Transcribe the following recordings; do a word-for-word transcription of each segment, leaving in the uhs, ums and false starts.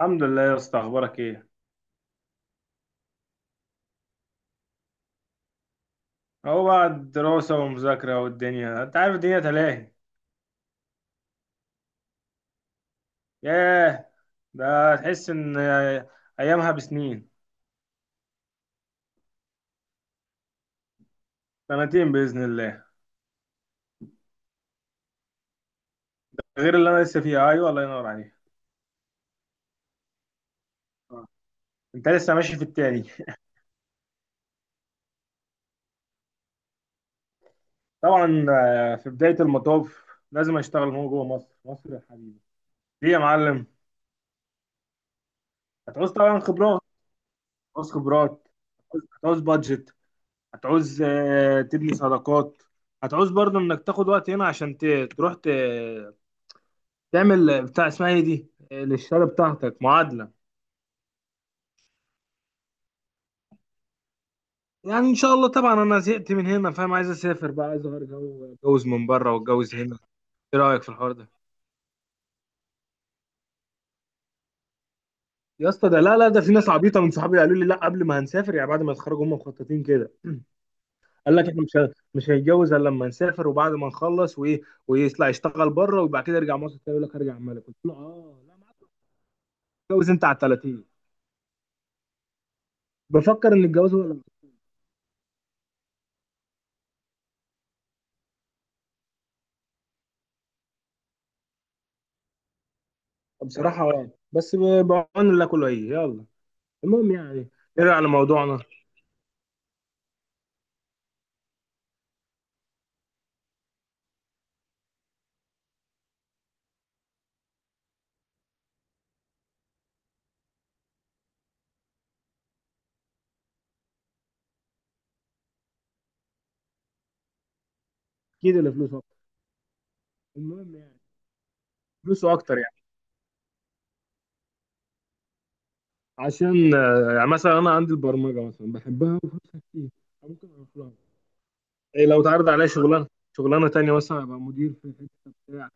الحمد لله يا اسطى، اخبارك ايه؟ اهو بقى الدراسه والمذاكره والدنيا، انت عارف، الدنيا تلاهي. ياه، ده تحس ان ايامها بسنين. سنتين باذن الله. غير اللي انا لسه فيها، ايوه الله ينور عليك. آه. انت لسه ماشي في التاني. طبعا آه، في بدايه المطاف لازم اشتغل. هو جوه مصر، مصر يا حبيبي. ليه يا معلم؟ هتعوز طبعا خبرات، هتعوز خبرات، هتعوز هتعوز بادجت. هتعوز آه، تبني صداقات. هتعوز برضه انك تاخد وقت هنا عشان ت- تروح ت- تعمل بتاع اسمها ايه دي للشهاده بتاعتك، معادله. يعني ان شاء الله طبعا انا زهقت من هنا فاهم. عايز اسافر بقى، عايز اغير جو، اتجوز من بره واتجوز هنا. ايه رايك في الحوار ده؟ يا اسطى ده، لا لا، ده في ناس عبيطه من صحابي قالوا لي لا، قبل ما هنسافر يعني بعد ما يتخرجوا هم مخططين كده. قال لك احنا مش ه- مش هيتجوز الا لما نسافر وبعد ما نخلص. وايه، ويطلع يشتغل بره وبعد كده يرجع مصر تاني. يقول لك هرجع ملك، قلت له اه لا معاك. اتجوز انت على تلاتين. بفكر ان الجواز هو اللي- بصراحه اه بس ب- بعون الله كله هي، يلا المهم يعني. نرجع لموضوعنا. اكيد اللي فلوسه اكتر، المهم يعني، فلوسه اكتر يعني. عشان آه، يعني مثلا انا عندي البرمجه مثلا بحبها وفلوسها كتير، ممكن اروح لها. إيه لو اتعرض عليا شغلانه، شغلانه تانية مثلا ابقى مدير في حته بتاع،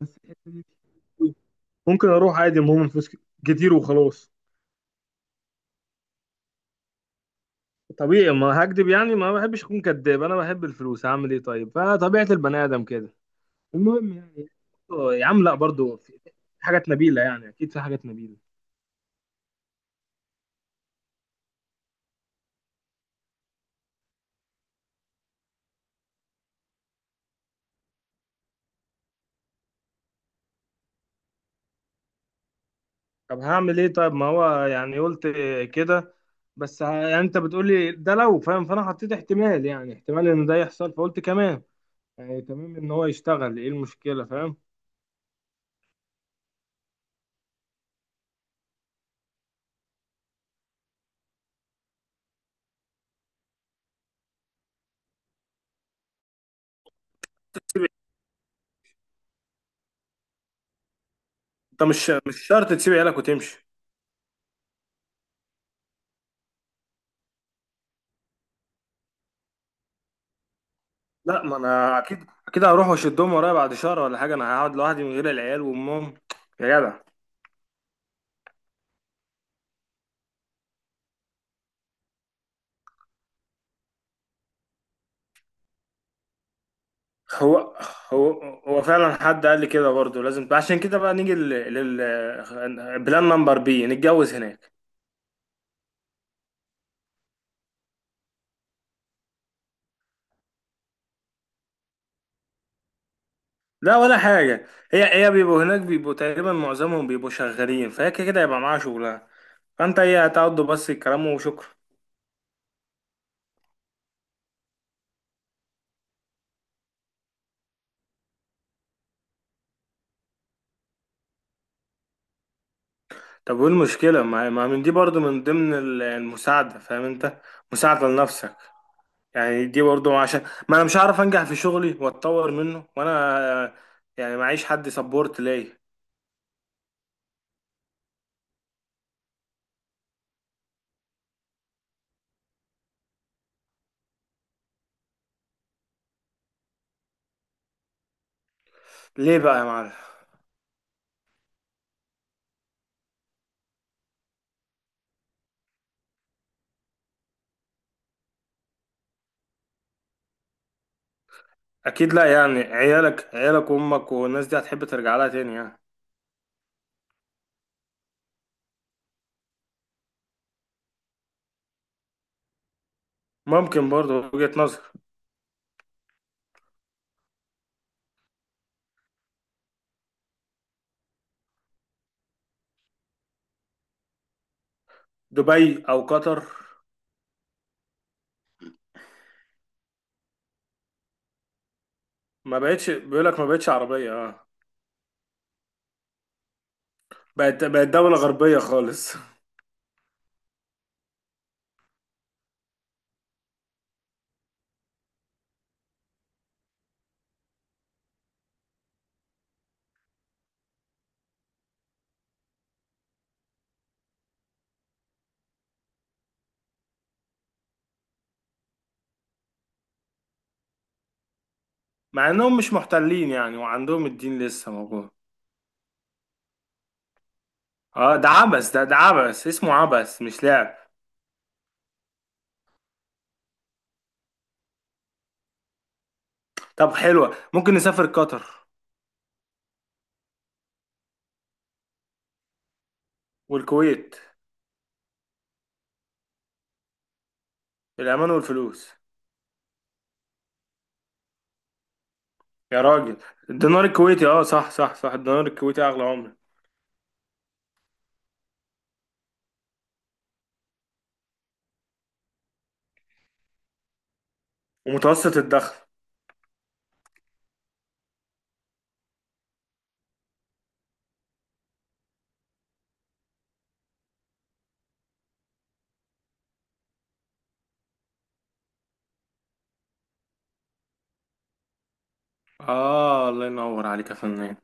بس الحته دي ممكن اروح عادي. المهم فلوس كتير وخلاص. طبيعي، ما هكدب يعني، ما بحبش اكون كداب. انا بحب الفلوس، هعمل ايه طيب؟ فطبيعه البني ادم كده، المهم يعني. آه، يا عم لا، برضو في في حاجات نبيله يعني، اكيد في حاجات نبيله. طب هعمل ايه طيب، ما هو يعني قلت كده. بس ه- يعني انت بتقولي ده لو فاهم، فانا حطيت احتمال، يعني احتمال ان ده يحصل، فقلت كمان يعني تمام ان هو يشتغل ايه المشكلة، فاهم انت؟ مش مش شرط تسيب عيالك وتمشي. لا، ما انا اكيد اكيد هروح واشدهم ورايا بعد شهر ولا حاجه. انا هقعد لوحدي من غير العيال وامهم يا جدع؟ هو هو هو فعلا حد قال لي كده برضه. لازم عشان كده بقى نيجي لل لل- بلان نمبر بي، نتجوز هناك. لا ولا حاجة، هي هي بيبقوا هناك، بيبقوا تقريبا معظمهم بيبقوا شغالين، فهي كده كده يبقى معاها شغلها. فانت هي هتقعدوا بس الكلام، وشكرا. طب وايه المشكلة؟ ما ما من دي برضو من ضمن ال- المساعدة، فاهم انت؟ مساعدة لنفسك، يعني دي برضو عشان، ما انا مش هعرف انجح في شغلي واتطور منه، وانا يعني معيش حد سبورت ليا. ليه بقى يا معلم؟ اكيد لا، يعني عيالك، عيالك وامك والناس دي هتحب ترجع لها تاني يعني. ممكن، برضو وجهة نظر. دبي او قطر. ما بقتش، بيقول لك ما بقتش عربية، اه. بقت بقت دولة غربية خالص. مع انهم مش محتلين يعني، وعندهم الدين لسه موجود. اه ده عبث، ده ده عبث اسمه، عبث مش لعب. طب حلوة، ممكن نسافر قطر. والكويت. الأمان والفلوس. يا راجل، الدينار الكويتي، اه صح صح صح، الدينار الكويتي أغلى عملة. ومتوسط الدخل. اه الله ينور عليك يا فنان.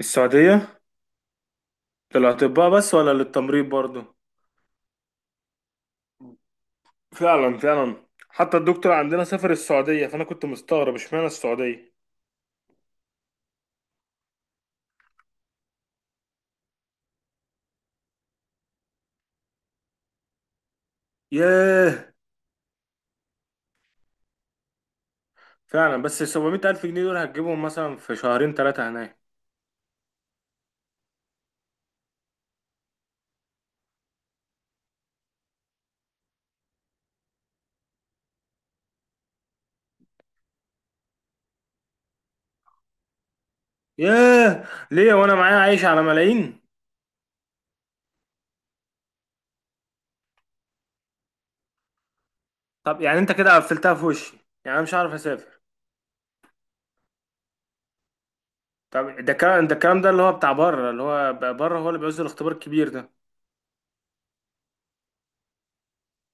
السعودية. للأطباء بس ولا للتمريض برضو؟ فعلا فعلا. حتى الدكتور عندنا سافر السعودية، فأنا كنت مستغرب اشمعنى السعودية. ياه. فعلا، بس ال سبعمئة ألف جنيه دول هتجيبهم مثلا في شهرين ثلاثة هناك. ياه. ليه، وأنا معايا عايش على ملايين؟ طب يعني أنت كده قفلتها في وشي، يعني أنا مش عارف أسافر. طب ده الكلام، ده الكلام ده اللي هو بتاع بره اللي هو ب- بره هو اللي بيعوز الاختبار الكبير ده.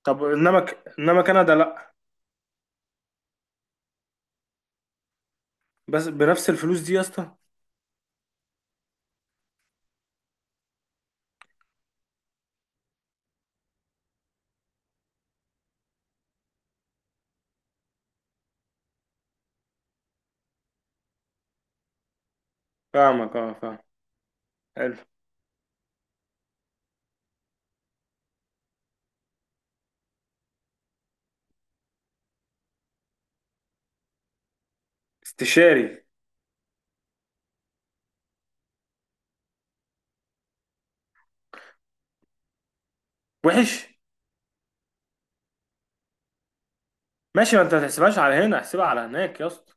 طب إنما ك... إنما كندا لأ. بس بنفس الفلوس دي يا اسطى؟ فاهمك، اه فاهم. حلو. استشاري. وحش. ماشي، ما انت ما تحسبهاش على هنا، احسبها على هناك يا اسطى.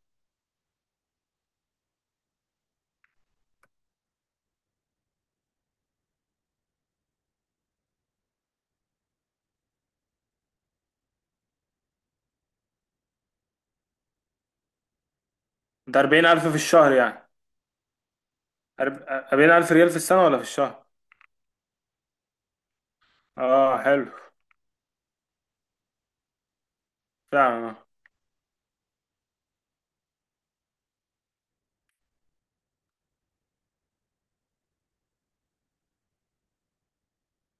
ده أربعين ألف في الشهر يعني؟ أرب- أربعين ألف ريال في السنة ولا في الشهر؟ اه حلو. فعلا آه.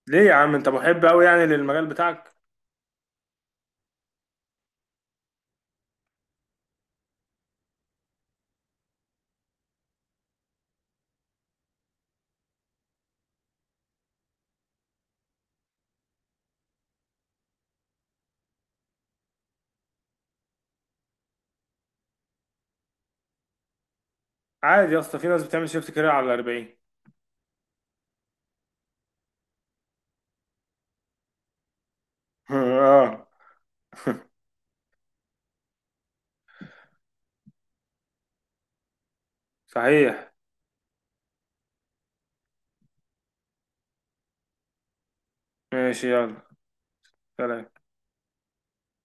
ليه يا عم، انت محب قوي يعني للمجال بتاعك؟ عادي يا اسطى، في ناس بتعمل شيفت كارير على أربعين. اه. صحيح. ماشي يلا. سلام.